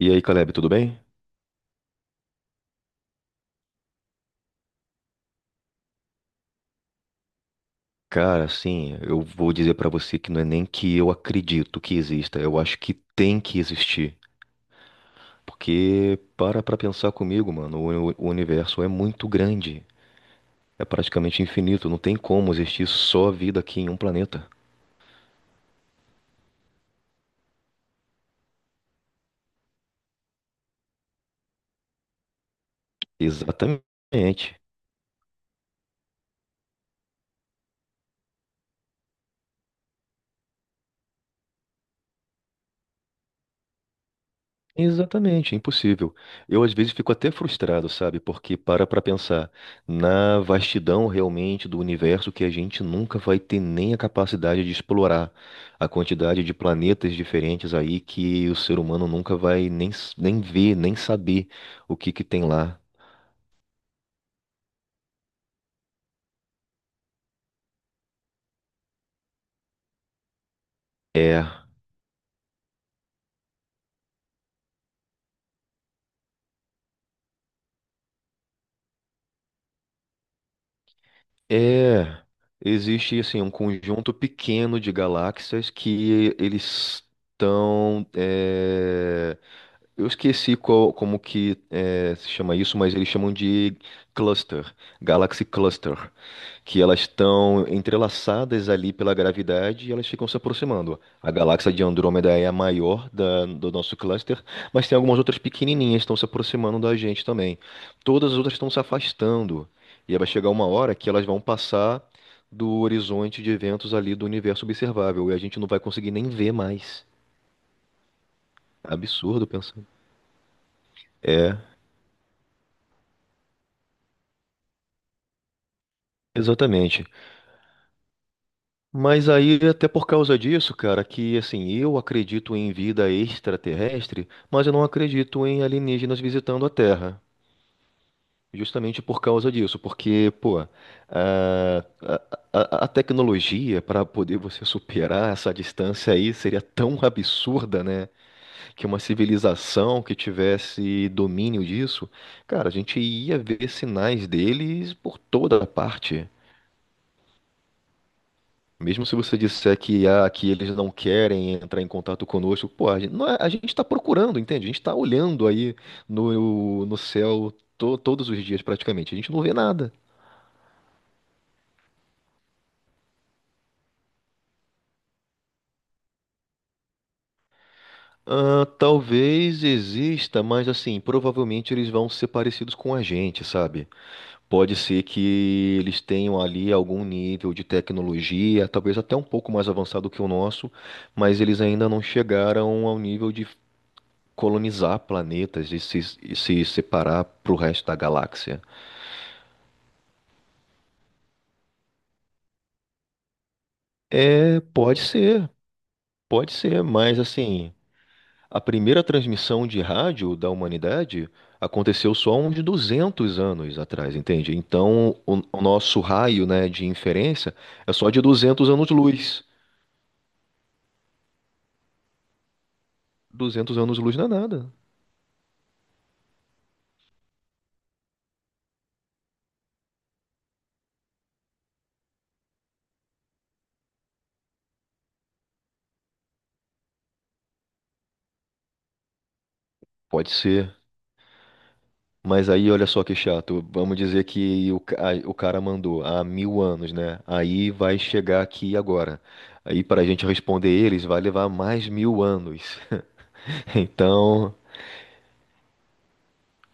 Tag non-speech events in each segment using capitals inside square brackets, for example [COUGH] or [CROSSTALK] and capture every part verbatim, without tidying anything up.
E aí, Caleb, tudo bem? Cara, assim, eu vou dizer pra você que não é nem que eu acredito que exista, eu acho que tem que existir. Porque para pra pensar comigo, mano, o, o universo é muito grande, é praticamente infinito, não tem como existir só vida aqui em um planeta. Exatamente. Exatamente, é impossível. Eu às vezes fico até frustrado, sabe? Porque para pra pensar na vastidão realmente do universo que a gente nunca vai ter nem a capacidade de explorar, a quantidade de planetas diferentes aí que o ser humano nunca vai nem, s- nem ver, nem saber o que que tem lá. É. É, existe assim um conjunto pequeno de galáxias que eles estão. é, Eu esqueci qual- como que é, se chama isso, mas eles chamam de cluster, Galaxy Cluster, que elas estão entrelaçadas ali pela gravidade e elas ficam se aproximando. A galáxia de Andrômeda é a maior da- do nosso cluster, mas tem algumas outras pequenininhas que estão se aproximando da gente também. Todas as outras estão se afastando. E aí vai chegar uma hora que elas vão passar do horizonte de eventos ali do universo observável e a gente não vai conseguir nem ver mais. Absurdo pensando. Exatamente. Mas aí, até por causa disso, cara, que assim, eu acredito em vida extraterrestre, mas eu não acredito em alienígenas visitando a Terra. Justamente por causa disso, porque, pô, a, a, a- a tecnologia para poder você superar essa distância aí seria tão absurda, né? Que uma civilização que tivesse domínio disso, cara, a gente ia ver sinais deles por toda parte. Mesmo se você disser que, ah, que eles não querem entrar em contato conosco, pô, a gente, não é- a gente está procurando, entende? A gente está olhando aí no, no céu to- todos os dias praticamente. A gente não vê nada. Ah, talvez exista, mas assim, provavelmente eles vão ser parecidos com a gente, sabe? Pode ser que eles tenham ali algum nível de tecnologia, talvez até um pouco mais avançado que o nosso, mas eles ainda não chegaram ao nível de colonizar planetas e se, e se separar para o resto da galáxia. É, pode ser, pode ser, mas assim, a primeira transmissão de rádio da humanidade aconteceu só uns duzentos anos atrás, entende? Então, o, o nosso raio, né, de inferência é só de duzentos anos-luz. Duzentos anos-luz não é nada. Pode ser. Mas aí, olha só que chato. Vamos dizer que o, ca- a- o cara mandou há mil anos, né? Aí vai chegar aqui agora. Aí, para a gente responder eles, vai levar mais mil anos. [LAUGHS] Então,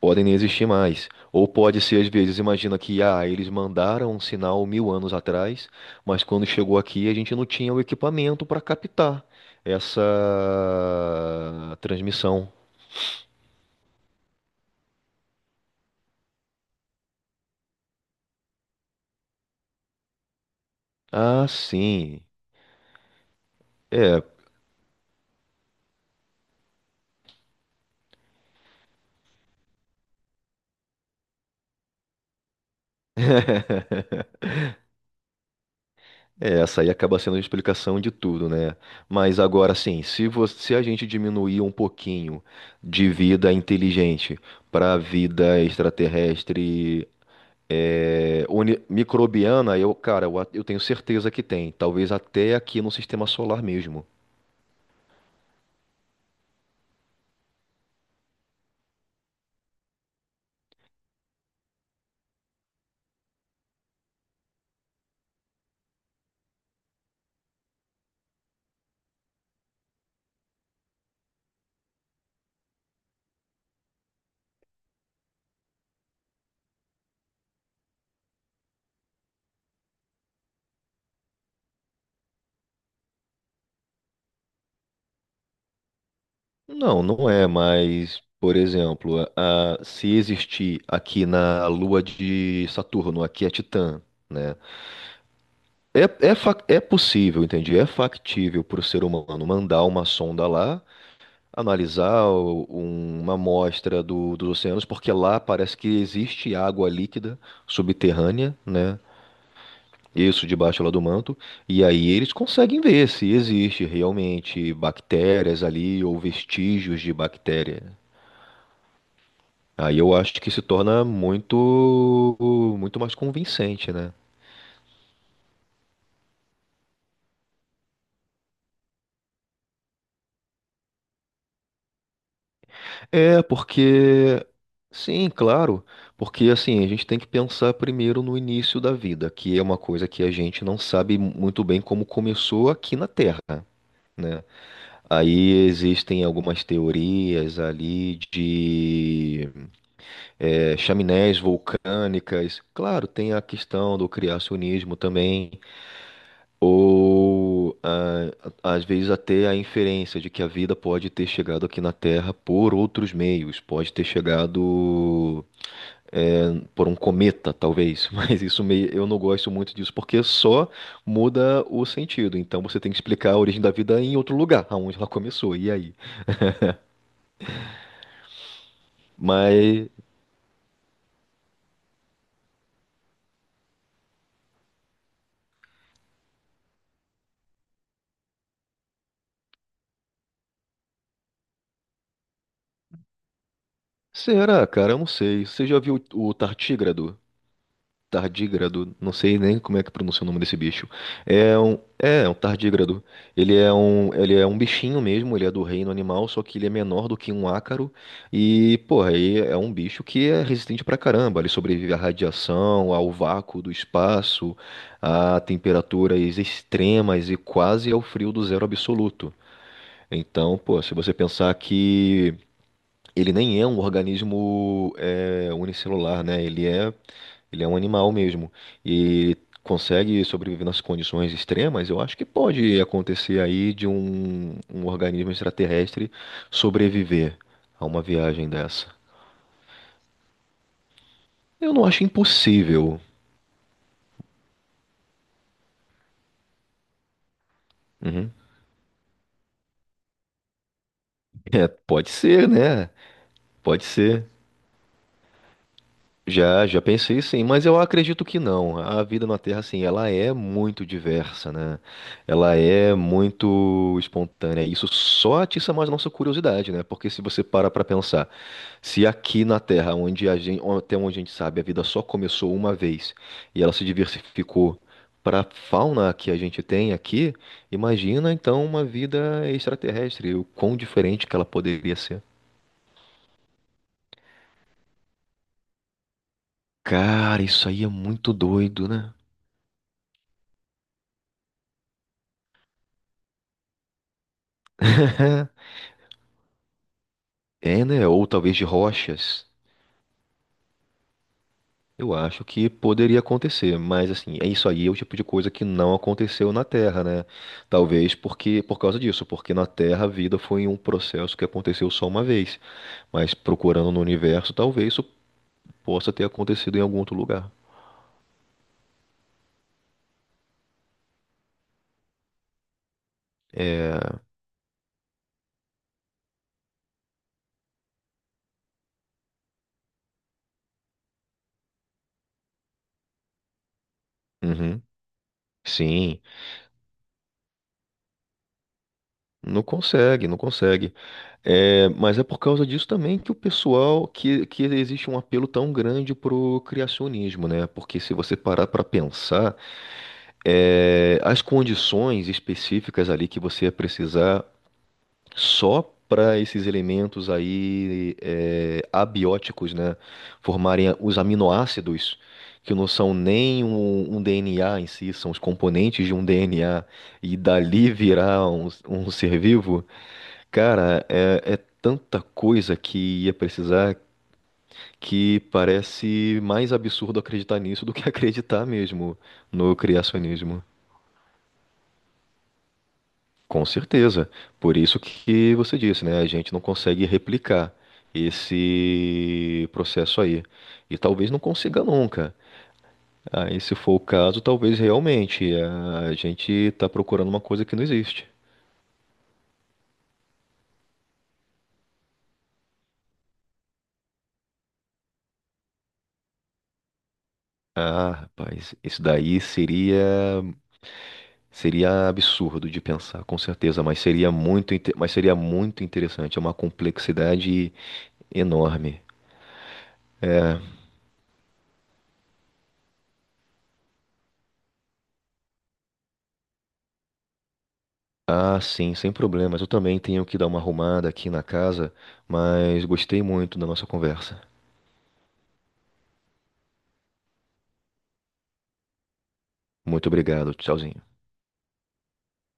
podem nem existir mais. Ou pode ser, às vezes, imagina que, ah, eles mandaram um sinal mil anos atrás, mas quando chegou aqui, a gente não tinha o equipamento para captar essa transmissão. Ah, sim. É. [LAUGHS] É, essa aí acaba sendo a explicação de tudo, né? Mas agora sim, se você, se a gente diminuir um pouquinho de vida inteligente para vida extraterrestre é, uni- microbiana, eu, cara, eu, a- eu tenho certeza que tem. Talvez até aqui no sistema solar mesmo. Não, não é, mas, por exemplo, a- a- se existir aqui na Lua de Saturno, aqui é Titã, né? É, é, fac- é possível, entendi. É factível para o ser humano mandar uma sonda lá, analisar o- um- uma amostra do- dos oceanos, porque lá parece que existe água líquida subterrânea, né? Isso debaixo lá do manto. E aí eles conseguem ver se existe realmente bactérias ali ou vestígios de bactéria. Aí eu acho que se torna muito, muito mais convincente, né? É, porque. Sim, claro. Porque, assim, a gente tem que pensar primeiro no início da vida, que é uma coisa que a gente não sabe muito bem como começou aqui na Terra, né? Aí existem algumas teorias ali de é, chaminés vulcânicas. Claro, tem a questão do criacionismo também, ou ah, a- às vezes até a inferência de que a vida pode ter chegado aqui na Terra por outros meios, pode ter chegado é, por um cometa, talvez, [LAUGHS] mas isso meio, eu não gosto muito disso porque só muda o sentido. Então você tem que explicar a origem da vida em outro lugar, aonde ela começou, e aí? Mas será, cara? Eu não sei. Você já viu o Tartígrado? Tardígrado, não sei nem como é que pronuncia o nome desse bicho. É um, é é um tardígrado. Ele é um, ele é um bichinho mesmo, ele é do reino animal, só que ele é menor do que um ácaro. E, porra, aí é um bicho que é resistente pra caramba. Ele sobrevive à radiação, ao vácuo do espaço, a temperaturas extremas e quase ao frio do zero absoluto. Então, pô, se você pensar que ele nem é um organismo é, unicelular, né? Ele é ele é um animal mesmo. E consegue sobreviver nas condições extremas, eu acho que pode acontecer aí de um, um organismo extraterrestre sobreviver a uma viagem dessa. Eu não acho impossível. Uhum. [LAUGHS] É, pode ser, né? Pode ser. Já, já pensei sim, mas eu acredito que não. A vida na Terra, assim, ela é muito diversa, né? Ela é muito espontânea. Isso só atiça mais a nossa curiosidade, né? Porque se você para pra pensar, se aqui na Terra, onde a gente, até onde a gente sabe, a vida só começou uma vez e ela se diversificou para a fauna que a gente tem aqui, imagina então uma vida extraterrestre, o quão diferente que ela poderia ser. Cara, isso aí é muito doido, né? [LAUGHS] É, né? Ou talvez de rochas. Eu acho que poderia acontecer, mas assim, é isso aí, é o tipo de coisa que não aconteceu na Terra, né? Talvez porque por causa disso, porque na Terra a vida foi um processo que aconteceu só uma vez, mas procurando no universo, talvez isso possa ter acontecido em algum outro lugar. É, uhum, sim, não consegue, não consegue. É, mas é por causa disso também que o pessoal, que, que existe um apelo tão grande pro criacionismo, né? Porque se você parar para pensar é, as condições específicas ali que você ia precisar só para esses elementos aí é, abióticos, né, formarem os aminoácidos, que não são nem um, um D N A em si, são os componentes de um D N A, e dali virar um, um ser vivo, cara, é, é tanta coisa que ia precisar que parece mais absurdo acreditar nisso do que [LAUGHS] acreditar mesmo no criacionismo. Com certeza. Por isso que você disse, né? A gente não consegue replicar esse processo aí. E talvez não consiga nunca. Aí, se for o caso, talvez realmente eh, a gente está procurando uma coisa que não existe. Ah, rapaz, isso daí seria seria absurdo de pensar, com certeza, mas seria muito, inte- mas seria muito interessante. É uma complexidade enorme. É, Ah, sim, sem problemas. Eu também tenho que dar uma arrumada aqui na casa, mas gostei muito da nossa conversa. Muito obrigado. Tchauzinho.